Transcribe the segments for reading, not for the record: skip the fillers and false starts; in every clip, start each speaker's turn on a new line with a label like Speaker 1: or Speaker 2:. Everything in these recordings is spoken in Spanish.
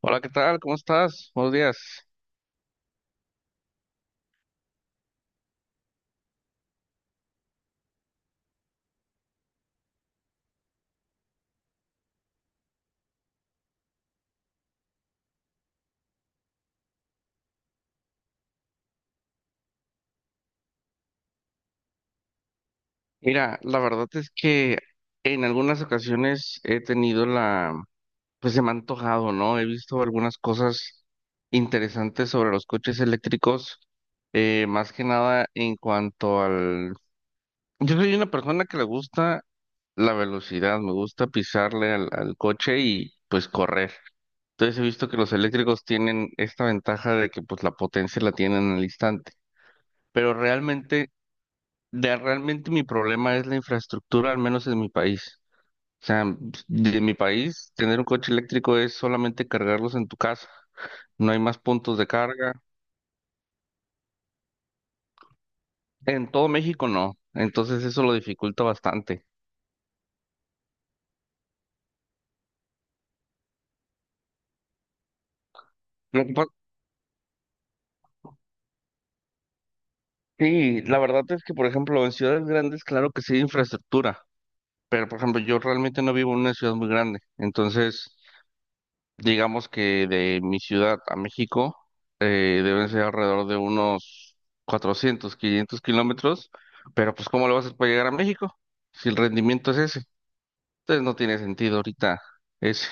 Speaker 1: Hola, ¿qué tal? ¿Cómo estás? Buenos días. Mira, la verdad es que en algunas ocasiones he tenido pues se me ha antojado, ¿no? He visto algunas cosas interesantes sobre los coches eléctricos, más que nada en cuanto al... Yo soy una persona que le gusta la velocidad, me gusta pisarle al coche y pues correr. Entonces he visto que los eléctricos tienen esta ventaja de que pues la potencia la tienen al instante. Pero realmente. De realmente mi problema es la infraestructura, al menos en mi país. O sea, de mi país, tener un coche eléctrico es solamente cargarlos en tu casa. No hay más puntos de carga. En todo México no. Entonces eso lo dificulta bastante. Lo que pa- Sí, la verdad es que, por ejemplo, en ciudades grandes, claro que sí hay infraestructura. Pero, por ejemplo, yo realmente no vivo en una ciudad muy grande. Entonces, digamos que de mi ciudad a México deben ser alrededor de unos 400, 500 kilómetros, pero pues ¿cómo lo vas a hacer para llegar a México si el rendimiento es ese? Entonces no tiene sentido ahorita ese.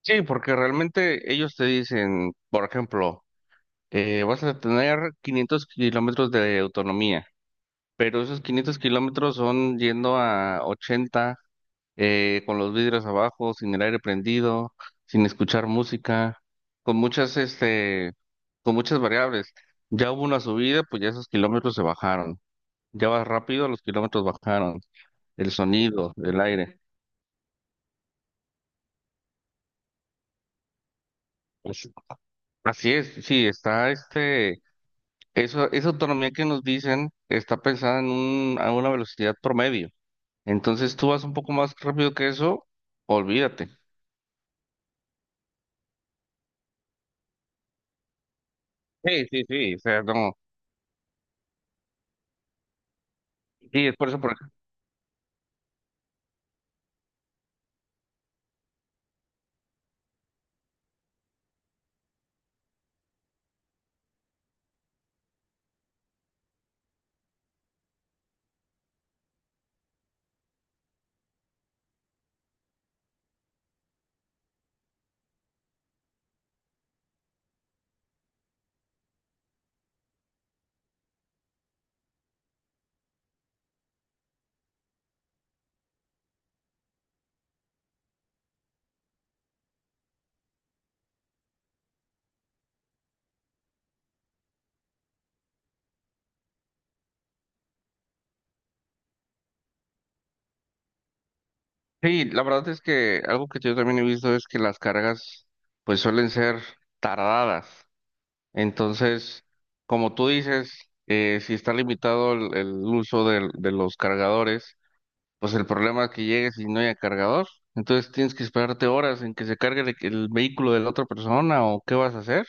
Speaker 1: Sí, porque realmente ellos te dicen, por ejemplo, vas a tener 500 kilómetros de autonomía, pero esos 500 kilómetros son yendo a 80. Con los vidrios abajo, sin el aire prendido, sin escuchar música, con muchas, este, con muchas variables. Ya hubo una subida, pues ya esos kilómetros se bajaron. Ya vas rápido, los kilómetros bajaron. El sonido, el aire. Pues, así es, sí, está esa autonomía que nos dicen está pensada en a una velocidad promedio. Entonces tú vas un poco más rápido que eso, olvídate. Sí, sí, sí, o sea, no. Sí, es por eso, por Sí, la verdad es que algo que yo también he visto es que las cargas pues suelen ser tardadas. Entonces, como tú dices, si está limitado el uso de los cargadores, pues el problema es que llegues y no haya cargador. Entonces tienes que esperarte horas en que se cargue el vehículo de la otra persona o qué vas a hacer.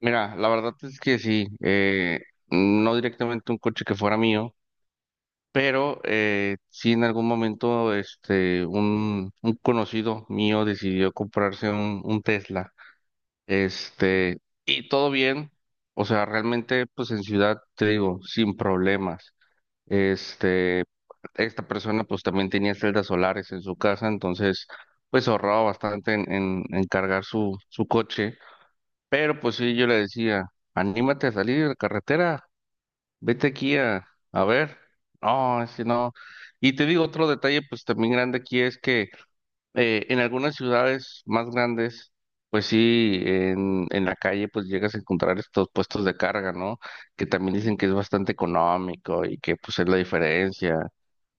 Speaker 1: Mira, la verdad es que sí, no directamente un coche que fuera mío. Pero sí en algún momento un conocido mío decidió comprarse un Tesla. Este, y todo bien. O sea, realmente, pues en ciudad, te digo, sin problemas. Este, Esta persona pues también tenía celdas solares en su casa, entonces pues ahorraba bastante en, en cargar su coche. Pero pues sí, yo le decía, anímate a salir a la carretera, vete aquí a ver. No, si no. Y te digo otro detalle, pues también grande aquí es que en algunas ciudades más grandes, pues sí, en la calle pues llegas a encontrar estos puestos de carga, ¿no? Que también dicen que es bastante económico y que pues es la diferencia.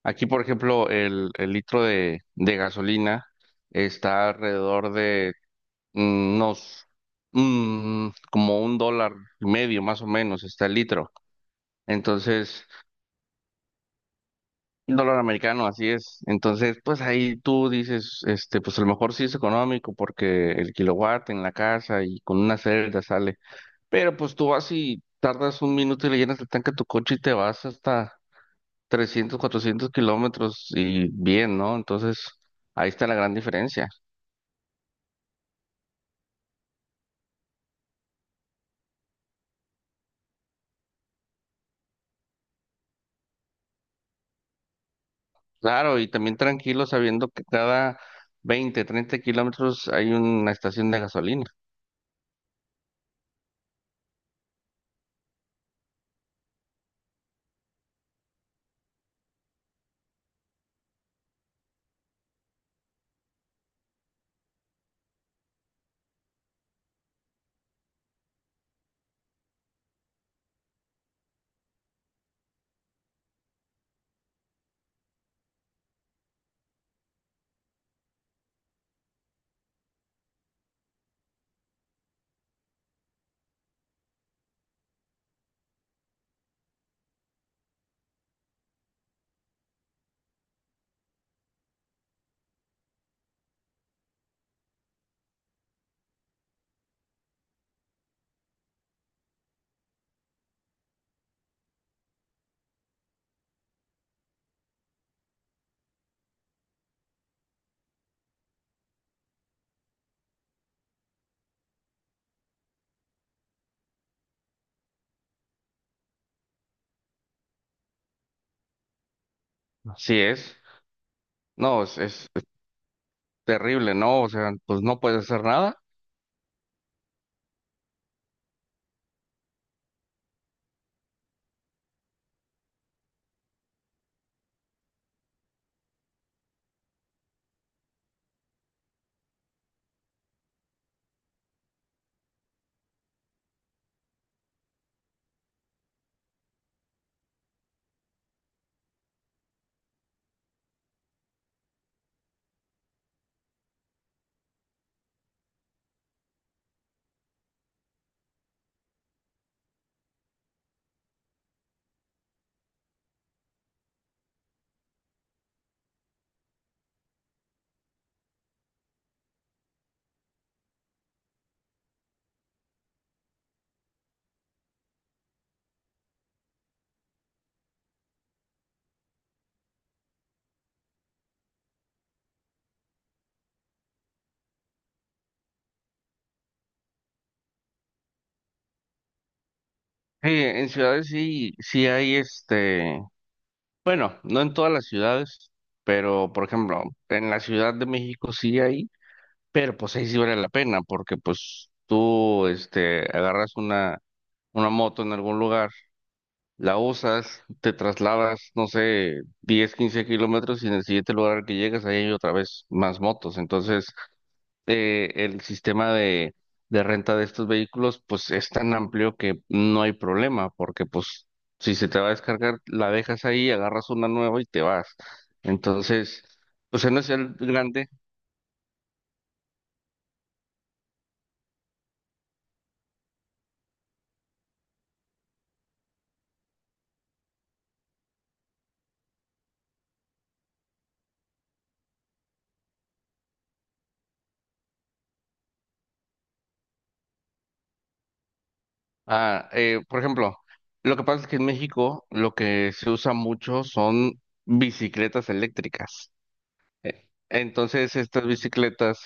Speaker 1: Aquí, por ejemplo, el litro de gasolina está alrededor de unos, como un dólar y medio más o menos, está el litro. Entonces, un dólar americano, así es. Entonces, pues ahí tú dices, pues a lo mejor sí es económico porque el kilowatt en la casa y con una celda sale. Pero pues tú vas y tardas un minuto y le llenas el tanque a tu coche y te vas hasta 300 400 kilómetros y bien, ¿no? Entonces, ahí está la gran diferencia. Claro, y también tranquilo sabiendo que cada 20 30 kilómetros hay una estación de gasolina. Así es. No, es terrible, ¿no? O sea, pues no puedes hacer nada. Sí, en ciudades sí, sí hay bueno, no en todas las ciudades, pero por ejemplo, en la Ciudad de México sí hay, pero pues ahí sí vale la pena, porque pues tú agarras una moto en algún lugar, la usas, te trasladas, no sé, 10, 15 kilómetros y en el siguiente lugar al que llegas ahí hay otra vez más motos. Entonces, el sistema de renta de estos vehículos pues es tan amplio que no hay problema, porque pues si se te va a descargar, la dejas ahí, agarras una nueva y te vas. Entonces, pues en ese grande, por ejemplo, lo que pasa es que en México lo que se usa mucho son bicicletas eléctricas. Entonces, estas bicicletas,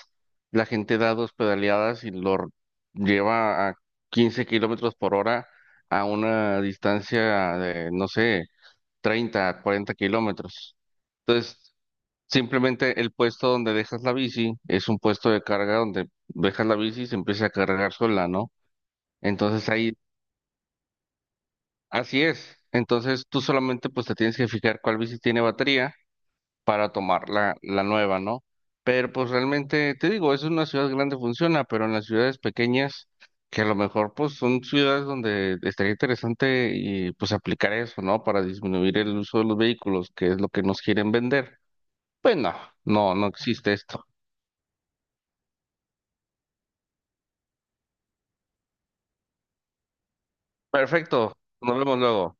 Speaker 1: la gente da dos pedaleadas y lleva a 15 kilómetros por hora a una distancia de, no sé, 30, 40 kilómetros. Entonces, simplemente el puesto donde dejas la bici es un puesto de carga donde dejas la bici y se empieza a cargar sola, ¿no? Entonces ahí, así es. Entonces tú solamente pues te tienes que fijar cuál bici tiene batería para tomar la nueva, ¿no? Pero pues realmente, te digo, es una ciudad grande funciona, pero en las ciudades pequeñas, que a lo mejor pues son ciudades donde estaría interesante y pues aplicar eso, ¿no? Para disminuir el uso de los vehículos, que es lo que nos quieren vender. Pues no, no, no existe esto. Perfecto, nos vemos luego.